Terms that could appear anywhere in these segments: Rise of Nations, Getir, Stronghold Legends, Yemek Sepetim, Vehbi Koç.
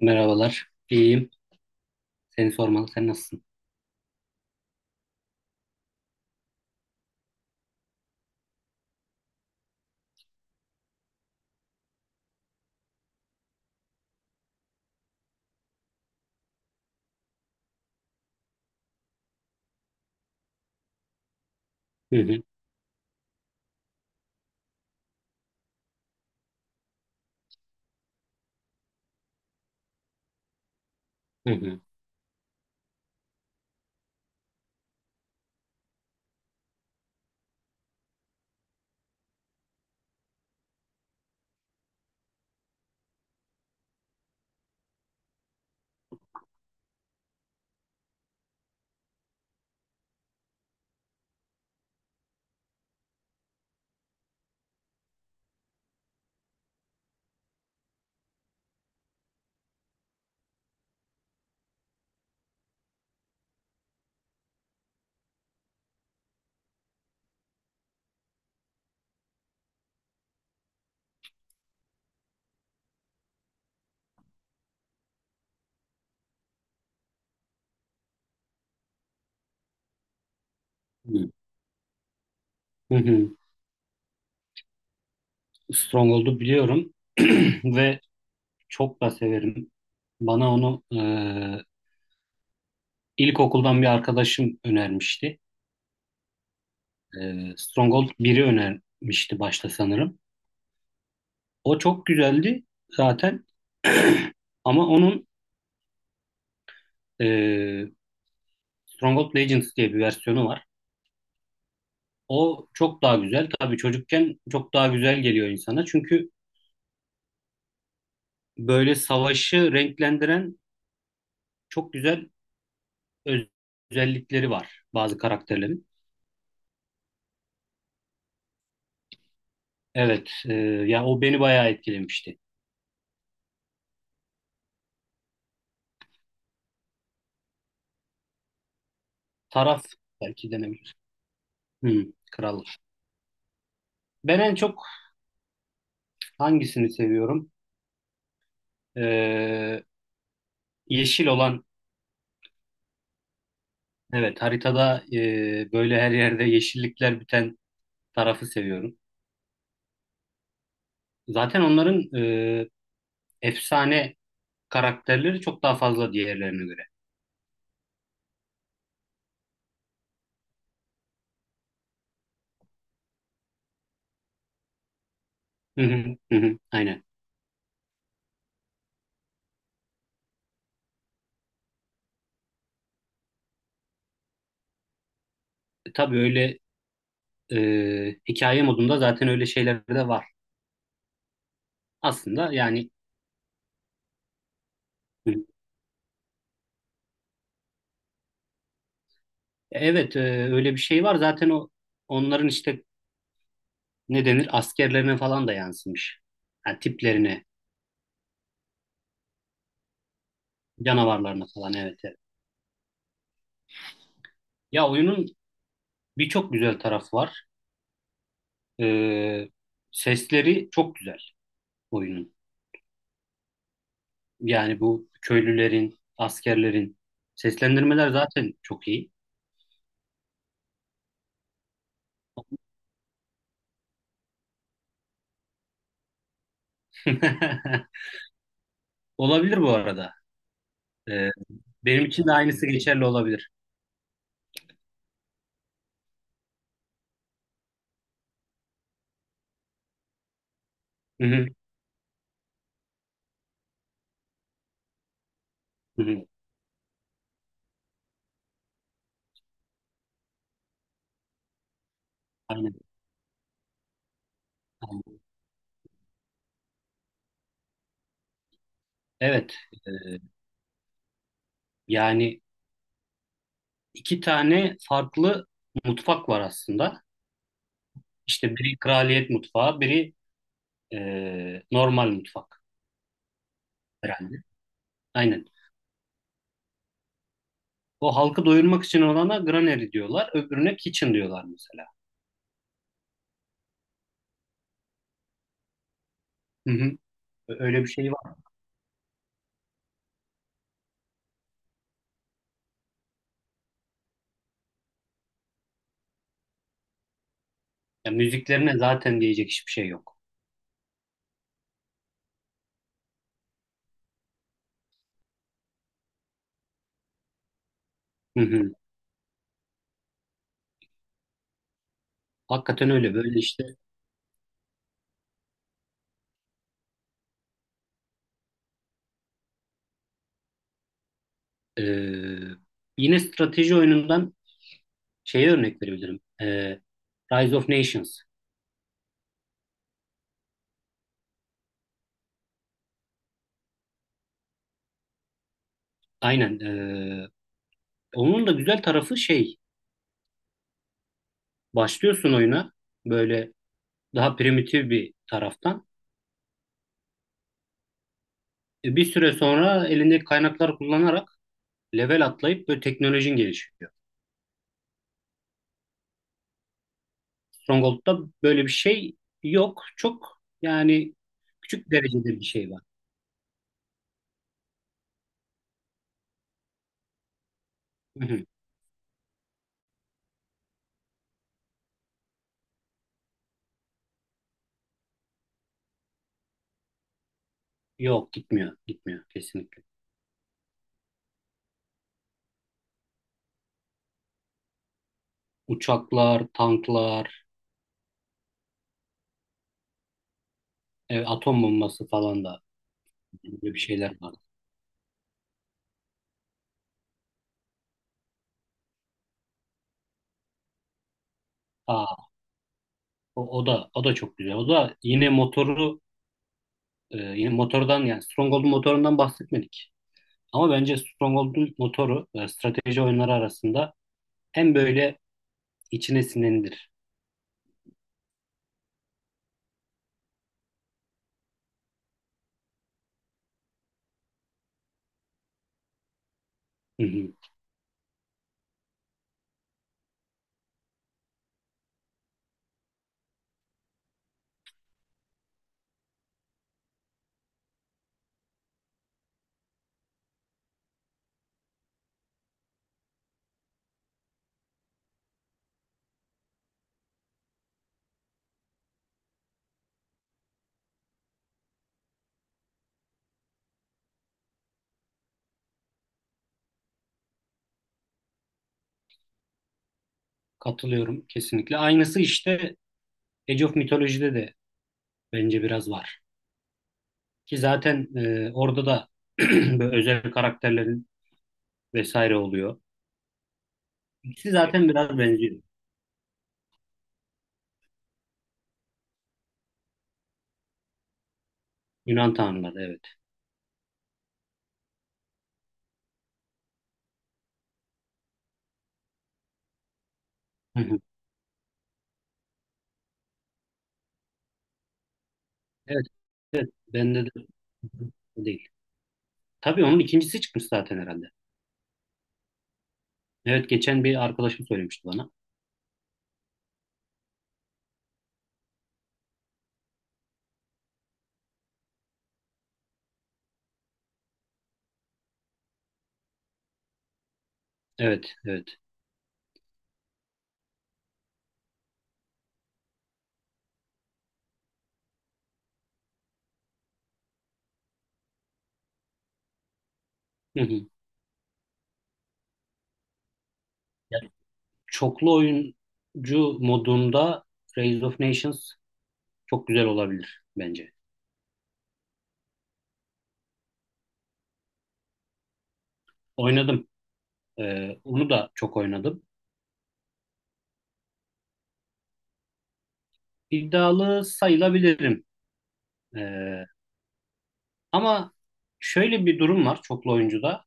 Merhabalar. İyiyim. Seni sormalı. Sen nasılsın? Hı hı. Hı hı. Hı hı. Hı. Stronghold'u biliyorum ve çok da severim. Bana onu ilkokuldan bir arkadaşım önermişti. Stronghold biri önermişti başta sanırım. O çok güzeldi zaten ama onun e, Stronghold Legends diye bir versiyonu var. O çok daha güzel. Tabii çocukken çok daha güzel geliyor insana. Çünkü böyle savaşı renklendiren çok güzel öz- özellikleri var bazı karakterlerin. Evet, ya o beni bayağı etkilemişti. Taraf belki denebilir. Hmm, kral. Ben en çok hangisini seviyorum? E, yeşil olan, evet haritada böyle her yerde yeşillikler biten tarafı seviyorum. Zaten onların efsane karakterleri çok daha fazla diğerlerine göre. Hı hı, hı hı, aynen. Tabii öyle e, hikaye modunda zaten öyle şeyler de var. Aslında yani evet, öyle bir şey var. Zaten o onların işte ne denir askerlerine falan da yansımış. Yani tiplerine, canavarlarına falan evet. Evet. Ya oyunun birçok güzel tarafı var. E, sesleri çok güzel oyunun. Yani bu köylülerin, askerlerin seslendirmeler zaten çok iyi. Olabilir bu arada. E, benim için de aynısı geçerli olabilir. Hı hı, hı hı. Aynen. Aynen. Evet. e, yani iki tane farklı mutfak var aslında. İşte biri kraliyet mutfağı, biri normal mutfak herhalde. Aynen. O halkı doyurmak için olana granary diyorlar, öbürüne kitchen diyorlar mesela. Hı hı. Öyle bir şey var. Ya müziklerine zaten diyecek hiçbir şey yok. Hı hı. Hakikaten öyle. Böyle işte e, yine strateji oyunundan şeye örnek verebilirim. Rise of Nations. Aynen. Onun da güzel tarafı şey. Başlıyorsun oyuna. Böyle daha primitif bir taraftan. Bir süre sonra elindeki kaynakları kullanarak level atlayıp böyle teknolojin gelişiyor. Stronghold'da böyle bir şey yok. Çok yani küçük derecede bir şey var. Hı hı. Yok gitmiyor. Gitmiyor kesinlikle. Uçaklar, tanklar, atom bombası falan da böyle bir şeyler var. Aa, o da o da çok güzel. O da yine motoru yine motordan yani Stronghold'un motorundan bahsetmedik. Ama bence Stronghold'un motoru strateji oyunları arasında hem böyle içine sinendir. Hı hı. Katılıyorum kesinlikle. Aynısı işte Age of Mythology'de de bence biraz var. Ki zaten orada da böyle özel karakterlerin vesaire oluyor. İkisi zaten biraz benziyor. Yunan tanrıları evet. Hı hı. Evet, evet. Bende de değil. Tabii onun ikincisi çıkmış zaten herhalde. Evet geçen bir arkadaşım söylemişti bana. Evet, evet. Hı hı. Ya, çoklu oyuncu modunda Rise of Nations çok güzel olabilir bence. Oynadım. Onu da çok oynadım. İddialı sayılabilirim. Ee, ama şöyle bir durum var çoklu oyuncuda.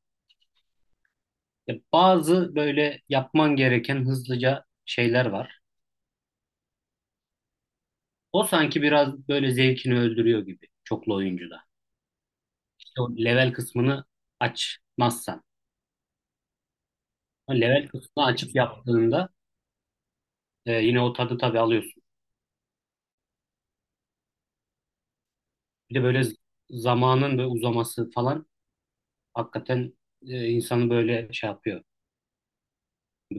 Ya bazı böyle yapman gereken hızlıca şeyler var. O sanki biraz böyle zevkini öldürüyor gibi çoklu oyuncuda. İşte o level kısmını açmazsan. O level kısmını açıp yaptığında yine o tadı tabii alıyorsun. Bir de böyle zamanın böyle uzaması falan hakikaten insanı böyle şey yapıyor.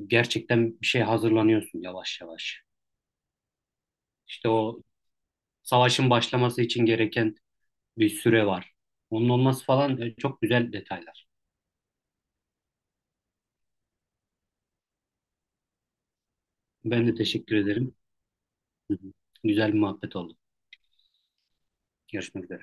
Gerçekten bir şey hazırlanıyorsun yavaş yavaş. İşte o savaşın başlaması için gereken bir süre var. Onun olması falan çok güzel detaylar. Ben de teşekkür ederim. Hı hı. Güzel bir muhabbet oldu. Görüşmek üzere.